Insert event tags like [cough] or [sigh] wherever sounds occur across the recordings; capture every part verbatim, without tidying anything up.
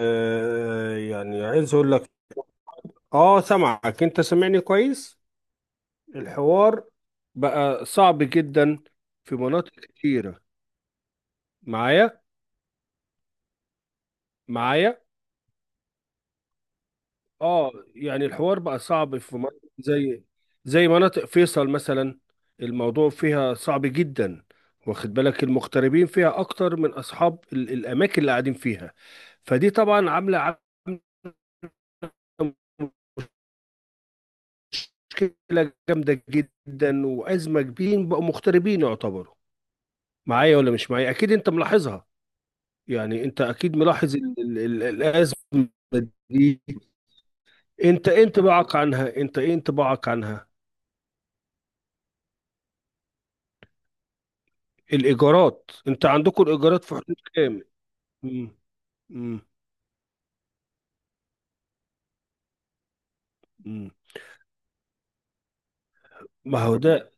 آه، يعني عايز اقول لك، اه سامعك، انت سامعني كويس؟ الحوار بقى صعب جدا في مناطق كتيرة، معايا؟ معايا اه، يعني الحوار بقى صعب في مناطق زي زي مناطق فيصل مثلا. الموضوع فيها صعب جدا. واخد بالك، المغتربين فيها اكتر من اصحاب ال- الاماكن اللي قاعدين فيها. فدي طبعا عاملة عاملة مشكلة جامدة جدا وأزمة كبيرة، بقوا مغتربين يعتبروا. معايا ولا مش معايا؟ اكيد انت ملاحظها. يعني انت اكيد ملاحظ ال- ال- ال- الازمه دي. انت ايه انطباعك عنها؟ انت ايه انطباعك عنها الايجارات، انت عندكم الايجارات في حدود كام؟ مم. مم. مم. ما هو ده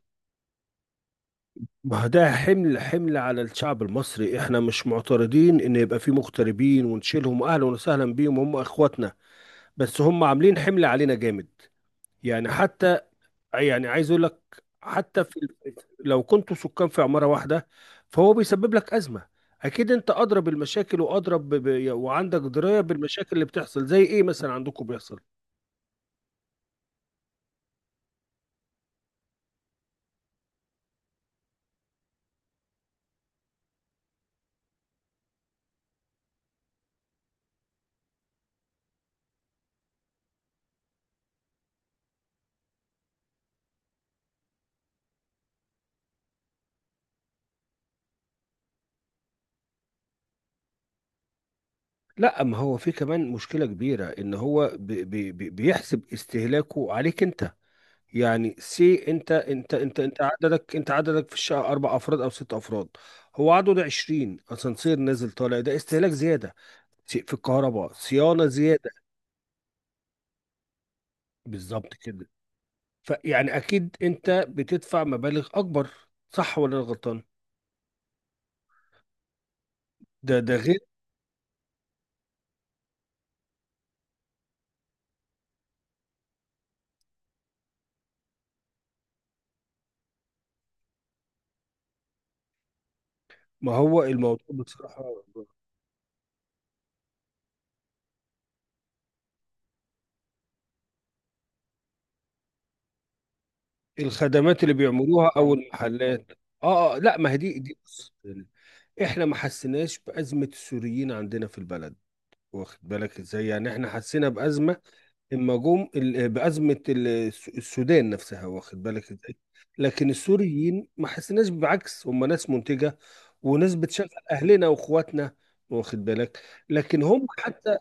ما هو ده حمل حمل على الشعب المصري. احنا مش معترضين ان يبقى في مغتربين ونشيلهم، اهلا وسهلا بيهم، هم اخواتنا. بس هم عاملين حمل علينا جامد. يعني حتى يعني عايز اقول لك، حتى في لو كنتوا سكان في عمارة واحدة، فهو بيسبب لك أزمة. اكيد انت ادرى بالمشاكل وادرى ب... ب... وعندك دراية بالمشاكل اللي بتحصل. زي ايه مثلا عندكم بيحصل؟ لا، ما هو في كمان مشكلة كبيرة، ان هو ب... ب... ب- بيحسب استهلاكه عليك انت. يعني سي انت انت انت انت، عددك انت عددك في الشقة اربع افراد او ست افراد، هو عدده عشرين، اسانسير نازل طالع، ده استهلاك زيادة. سي- في الكهرباء صيانة زيادة. بالظبط كده. فيعني اكيد انت بتدفع مبالغ اكبر، صح ولا أنا غلطان؟ ده ده غير. ما هو الموضوع بصراحة. الخدمات اللي بيعملوها او المحلات؟ اه آه، لا، ما هي دي، دي بص، احنا ما حسيناش بأزمة السوريين عندنا في البلد. واخد بالك ازاي؟ يعني احنا حسينا بأزمة المجوم ال- بأزمة ال- الس- السودان نفسها، واخد بالك ازاي. لكن السوريين ما حسيناش، بعكس، هم ناس منتجة وناس بتشغل أهلنا وإخواتنا، واخد بالك. لكن هم حتى،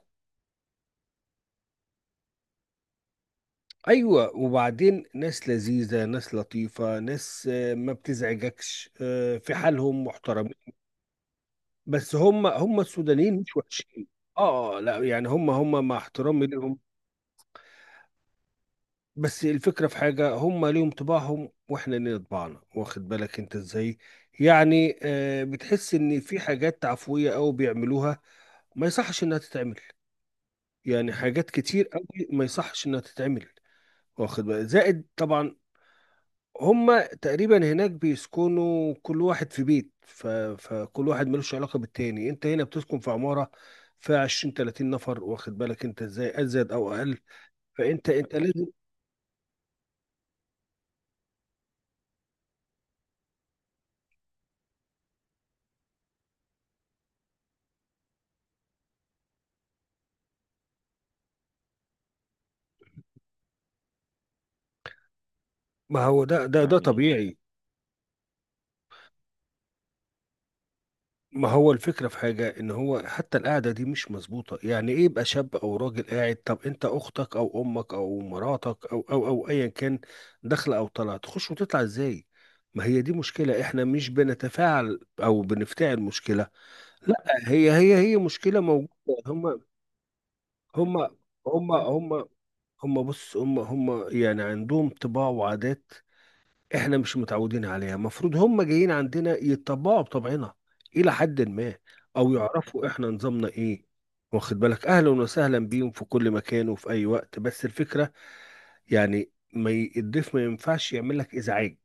أيوة، وبعدين ناس لذيذة، ناس لطيفة، ناس، آه، ما بتزعجكش، آه، في حالهم محترمين. بس هم هم السودانيين مش وحشين. اه، لا يعني هم هم مع احترامي لهم، بس الفكرة في حاجة، هم ليهم طباعهم واحنا لينا طباعنا، واخد بالك انت ازاي. يعني آه، بتحس ان في حاجات عفوية قوي بيعملوها ما يصحش انها تتعمل، يعني حاجات كتير قوي ما يصحش انها تتعمل، واخد بالك. زائد طبعا هم تقريبا هناك بيسكنوا كل واحد في بيت، ف... فكل واحد ملوش علاقة بالتاني. انت هنا بتسكن في عمارة فيها عشرين تلاتين نفر، واخد بالك انت ازاي، ازيد او اقل. فانت انت لازم. ما هو ده ده ده طبيعي. ما هو الفكرة في حاجة، إن هو حتى القعدة دي مش مظبوطة، يعني إيه يبقى شاب أو راجل قاعد؟ طب أنت، أختك أو أمك أو مراتك أو أو أو أيا كان، داخلة أو طالعة، تخش وتطلع إزاي؟ ما هي دي مشكلة، إحنا مش بنتفاعل أو بنفتعل مشكلة. لا، هي هي هي مشكلة موجودة. هم هم هم هم هم بص، هم هم يعني عندهم طباع وعادات، احنا مش متعودين عليها. المفروض هم جايين عندنا يتطبعوا بطبعنا الى حد ما، او يعرفوا احنا نظامنا ايه، واخد بالك. اهلا وسهلا بيهم في كل مكان وفي اي وقت، بس الفكرة، يعني ما ي- الضيف ما ينفعش يعمل لك ازعاج،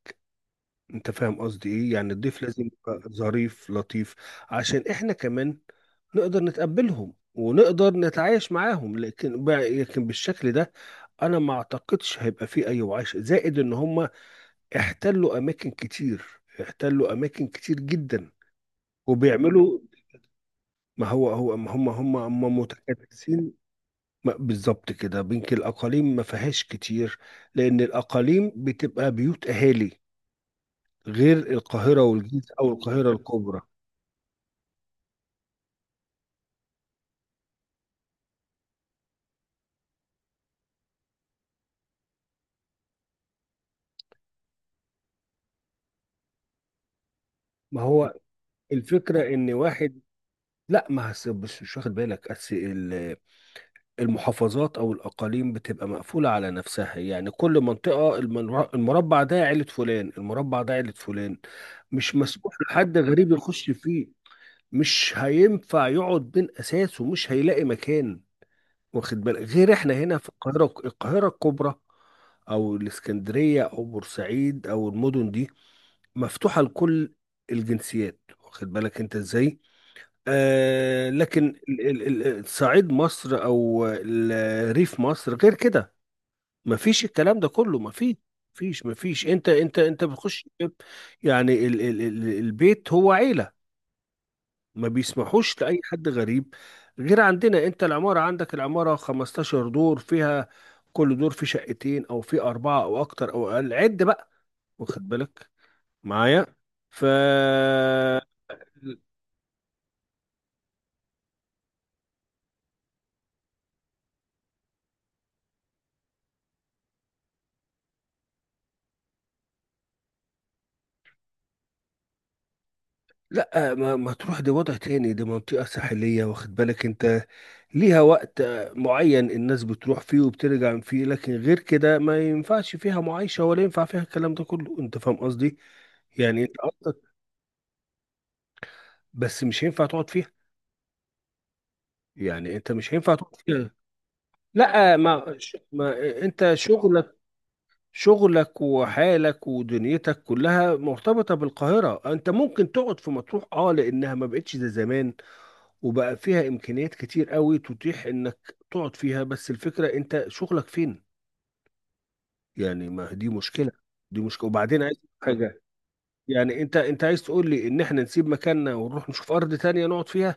انت فاهم قصدي ايه؟ يعني الضيف لازم يبقى ظريف لطيف عشان احنا كمان نقدر نتقبلهم ونقدر نتعايش معاهم. لكن بقى- لكن بالشكل ده، انا ما اعتقدش هيبقى فيه اي وعيش، زائد ان هم احتلوا اماكن كتير، احتلوا اماكن كتير جدا، وبيعملوا. ما هو هو ما هم هم هم متكدسين. ما- بالظبط كده، بينك الاقاليم ما فيهاش كتير لان الاقاليم بتبقى بيوت اهالي، غير القاهره والجيزه او القاهره الكبرى. ما هو الفكره ان واحد، لا ما هس- بس، مش واخد بالك، أس المحافظات او الاقاليم بتبقى مقفوله على نفسها. يعني كل منطقه، المنر- المربع ده عيله فلان، المربع ده عيله فلان، مش مسموح لحد غريب يخش فيه، مش هينفع يقعد بين اساسه، مش هيلاقي مكان، واخد بالك. غير احنا هنا في القاهره، القاهره الكبرى، او الاسكندريه او بورسعيد او المدن دي، مفتوحه لكل الجنسيات، واخد بالك انت ازاي. آه، لكن ال- ال- ال- صعيد مصر او ال- ريف مصر غير كده، مفيش الكلام ده كله، مفيش. مفيش مفيش انت انت انت بتخش، يعني ال ال ال البيت هو عيلة، ما بيسمحوش لأي حد غريب. غير عندنا، انت العمارة، عندك العمارة خمستاشر دور فيها، كل دور فيه شقتين او فيه أربعة او اكتر او اقل، عد بقى، واخد بالك، معايا؟ ف لا، ما, ما تروح، ده وضع تاني، دي منطقة ساحلية، واخد بالك انت، ليها وقت آه، معين الناس بتروح فيه وبترجع فيه، لكن غير كده ما ينفعش فيها معايشة ولا ينفع فيها الكلام ده كله، انت فاهم قصدي. يعني انت قصدك، بس مش هينفع تقعد فيها، يعني انت مش هينفع تقعد فيها. لا، ما, ش- ما انت شغلك شغلك وحالك ودنيتك كلها مرتبطة بالقاهرة. انت ممكن تقعد في مطروح، اه، لانها ما بقتش زي زمان وبقى فيها امكانيات كتير قوي تتيح انك تقعد فيها، بس الفكره، انت شغلك فين؟ يعني، ما دي مشكله. دي مشكله وبعدين عايز حاجه، يعني انت انت عايز تقول لي ان احنا نسيب مكاننا ونروح نشوف ارض تانية نقعد فيها؟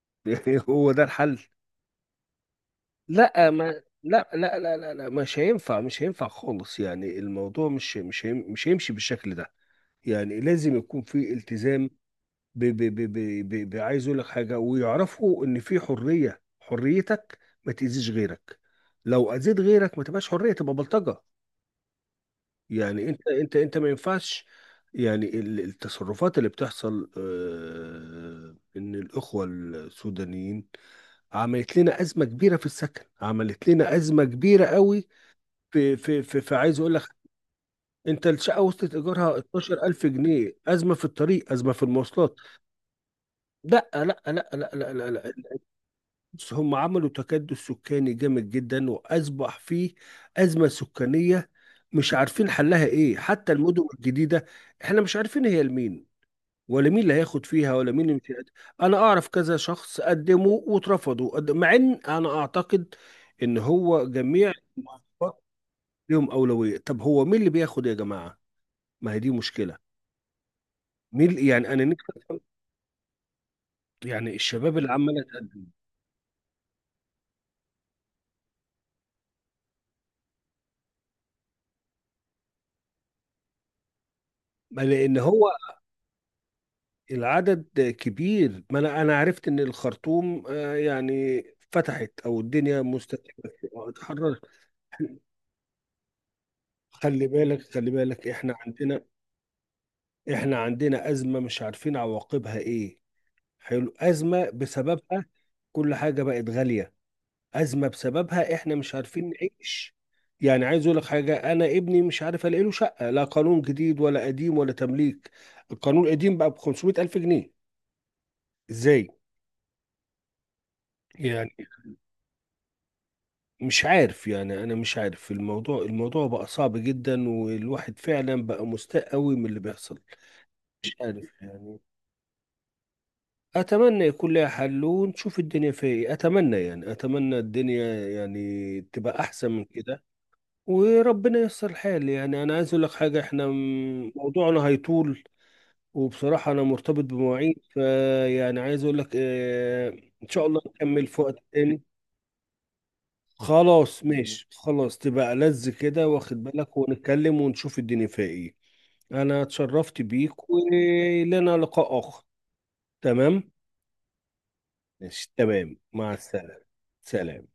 [laughs] يعني هو ده الحل؟ لا ما لا لا لا لا، لا، مش هينفع، مش هينفع خالص، يعني الموضوع مش مش هيم- مش هيمشي بالشكل ده، يعني لازم يكون في التزام. ب ب ب ب ب ب عايز اقول لك حاجه، ويعرفوا ان في حريه، حريتك، ما تاذيش غيرك. لو اذيت غيرك ما تبقاش حريه، تبقى بلطجه. يعني انت انت انت ما ينفعش. يعني ال- التصرفات اللي بتحصل، آه، ان الاخوه السودانيين عملت لنا ازمه كبيره في السكن، عملت لنا ازمه كبيره قوي. في في في, في، عايز اقول لك، انت الشقه وصلت ايجارها اتناشر الف جنيه، ازمه في الطريق، ازمه في المواصلات. لا لا لا لا لا لا، لا. بس هم عملوا تكدس سكاني جامد جدا، وأصبح فيه أزمة سكانية مش عارفين حلها إيه. حتى المدن الجديدة إحنا مش عارفين هي لمين، ولا مين اللي هياخد فيها، ولا مين اللي مش هيقدم. أنا أعرف كذا شخص قدموا واترفضوا، قد- مع إن أنا أعتقد إن هو جميع المحافظات ليهم أولوية. طب هو مين اللي بياخد يا جماعة؟ ما هي دي مشكلة. مين يعني أنا نكتب؟ يعني الشباب اللي عمال أتقدم. ما لأن هو العدد كبير، ما انا انا عرفت ان الخرطوم، آه، يعني فتحت، او الدنيا مستقبل، اتحررت. خلي بالك، خلي بالك، احنا عندنا، احنا عندنا ازمه مش عارفين عواقبها ايه. حلو، ازمه بسببها كل حاجه بقت غاليه، ازمه بسببها احنا مش عارفين نعيش. يعني عايز اقول لك حاجه، انا ابني مش عارف الاقي له شقه، لا قانون جديد ولا قديم ولا تمليك. القانون القديم بقى ب خمسمئة الف جنيه، ازاي؟ يعني مش عارف، يعني انا مش عارف، الموضوع الموضوع بقى صعب جدا، والواحد فعلا بقى مستاء قوي من اللي بيحصل. مش عارف يعني، اتمنى يكون لها حل ونشوف الدنيا فيها ايه. اتمنى يعني، اتمنى الدنيا يعني تبقى احسن من كده، وربنا ييسر الحال. يعني انا عايز اقول لك حاجه، احنا م- موضوعنا هيطول، وبصراحه انا مرتبط بمواعيد، فيعني عايز اقول لك، آه، ان شاء الله نكمل في وقت تاني. خلاص ماشي، خلاص، تبقى لذ كده، واخد بالك، ونتكلم ونشوف الدنيا فيها ايه. انا اتشرفت بيك، ولنا لقاء اخر. تمام، ماشي، تمام، مع السلامة. سلام.